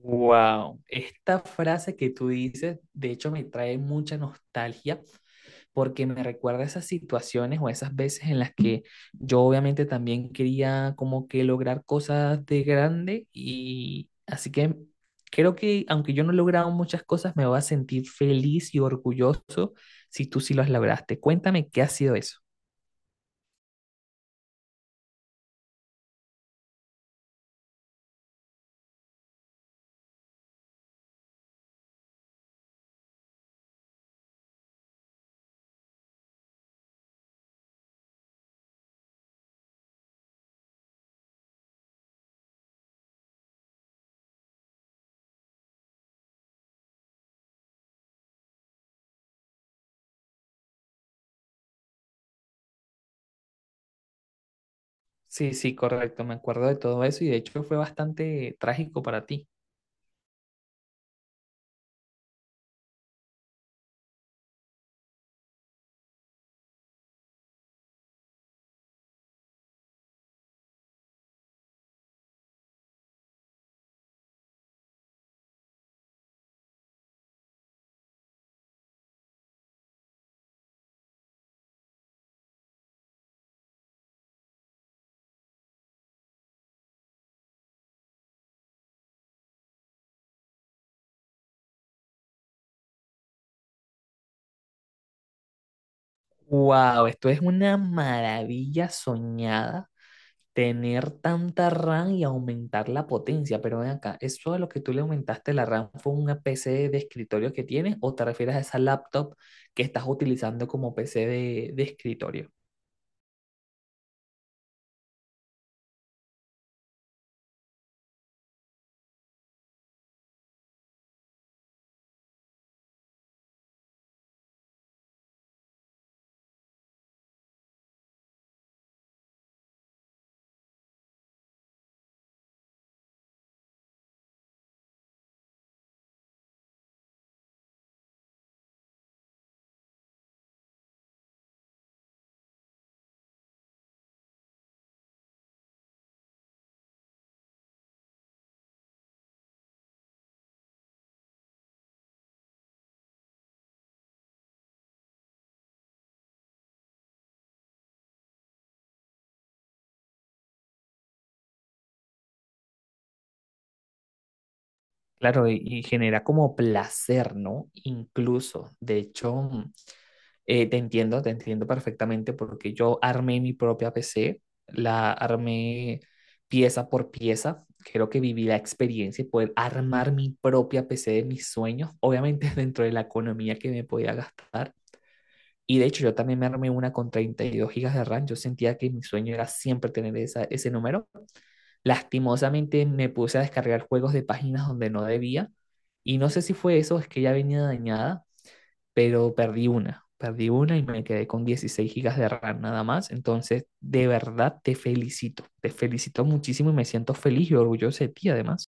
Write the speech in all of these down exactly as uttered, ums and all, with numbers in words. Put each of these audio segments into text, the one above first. Wow, esta frase que tú dices, de hecho, me trae mucha nostalgia porque me recuerda a esas situaciones o a esas veces en las que yo obviamente también quería como que lograr cosas de grande y así que creo que aunque yo no he logrado muchas cosas, me voy a sentir feliz y orgulloso si tú sí las lograste. Cuéntame qué ha sido eso. Sí, sí, correcto, me acuerdo de todo eso y de hecho fue bastante trágico para ti. Wow, esto es una maravilla soñada, tener tanta RAM y aumentar la potencia, pero ven acá, ¿eso de lo que tú le aumentaste la RAM fue una P C de escritorio que tienes o te refieres a esa laptop que estás utilizando como P C de, de escritorio? Claro, y, y genera como placer, ¿no? Incluso, de hecho, mm, eh, te entiendo, te entiendo perfectamente porque yo armé mi propia P C, la armé pieza por pieza, creo que viví la experiencia y poder armar mi propia P C de mis sueños, obviamente dentro de la economía que me podía gastar. Y de hecho, yo también me armé una con treinta y dos gigas de RAM, yo sentía que mi sueño era siempre tener esa, ese número. Lastimosamente me puse a descargar juegos de páginas donde no debía y no sé si fue eso, es que ya venía dañada, pero perdí una, perdí una y me quedé con dieciséis gigas de RAM nada más. Entonces, de verdad te felicito, te felicito muchísimo y me siento feliz y orgulloso de ti además.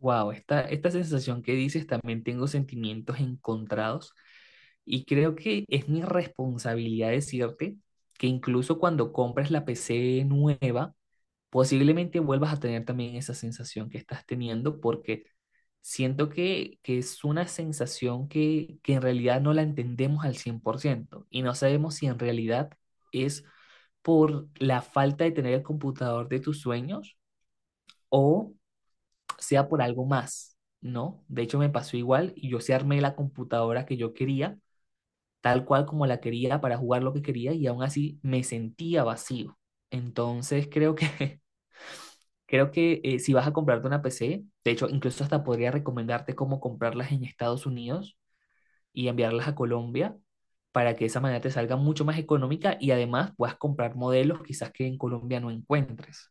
Wow, esta, esta sensación que dices también tengo sentimientos encontrados y creo que es mi responsabilidad decirte que incluso cuando compres la P C nueva, posiblemente vuelvas a tener también esa sensación que estás teniendo porque siento que, que es una sensación que, que en realidad no la entendemos al cien por ciento y no sabemos si en realidad es por la falta de tener el computador de tus sueños o sea por algo más, ¿no? De hecho me pasó igual y yo sí armé la computadora que yo quería, tal cual como la quería para jugar lo que quería y aún así me sentía vacío. Entonces creo que Creo que eh, si vas a comprarte una P C, de hecho, incluso hasta podría recomendarte cómo comprarlas en Estados Unidos y enviarlas a Colombia para que de esa manera te salga mucho más económica y además puedas comprar modelos quizás que en Colombia no encuentres.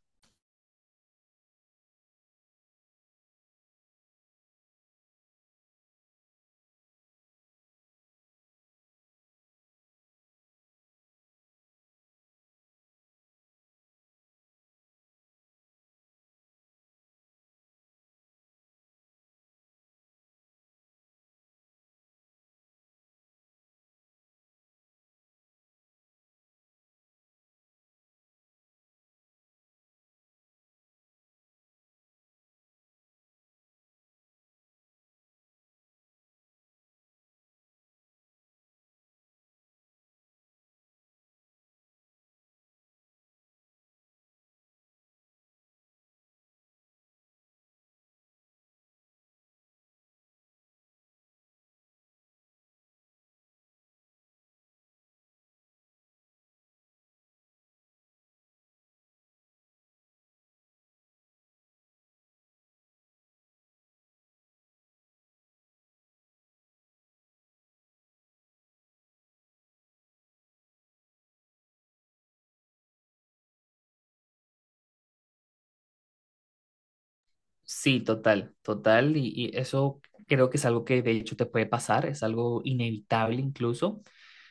Sí, total, total. Y, y eso creo que es algo que de hecho te puede pasar, es algo inevitable incluso.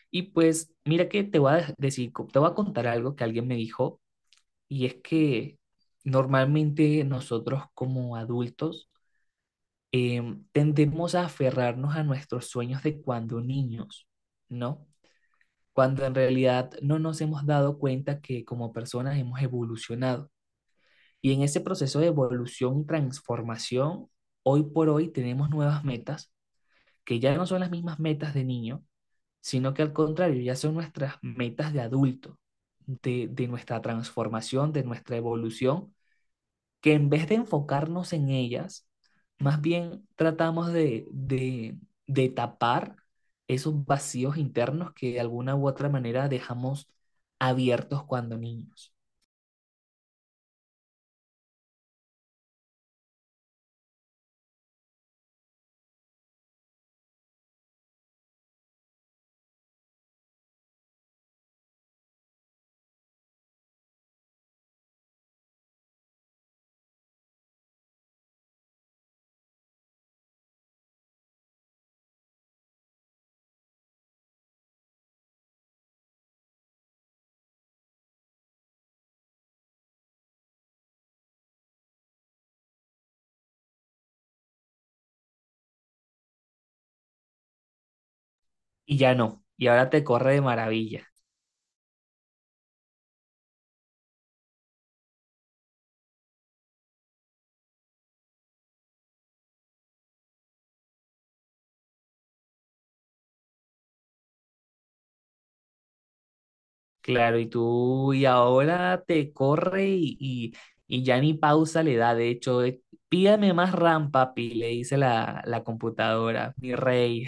Y pues mira que te voy a dej- decir, co- te voy a contar algo que alguien me dijo y es que normalmente nosotros como adultos em, tendemos a aferrarnos a nuestros sueños de cuando niños, ¿no? Cuando en realidad no nos hemos dado cuenta que como personas hemos evolucionado. Y en ese proceso de evolución y transformación, hoy por hoy tenemos nuevas metas que ya no son las mismas metas de niño, sino que al contrario, ya son nuestras metas de adulto, de, de nuestra transformación, de nuestra evolución que en vez de enfocarnos en ellas, más bien tratamos de, de, de tapar esos vacíos internos que de alguna u otra manera dejamos abiertos cuando niños. Y ya no, y ahora te corre de maravilla. Claro, y tú, y ahora te corre y, y, y ya ni pausa le da. De hecho, eh, pídame más RAM, papi, le dice la, la computadora, mi rey.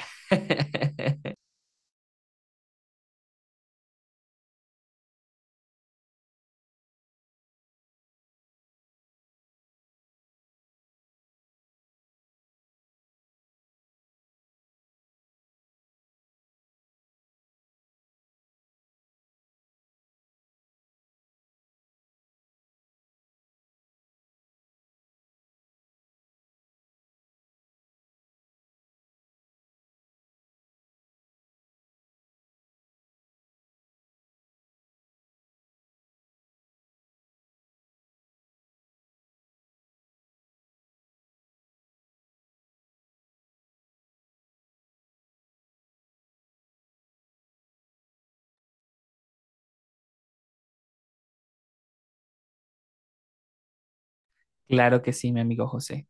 Claro que sí, mi amigo José.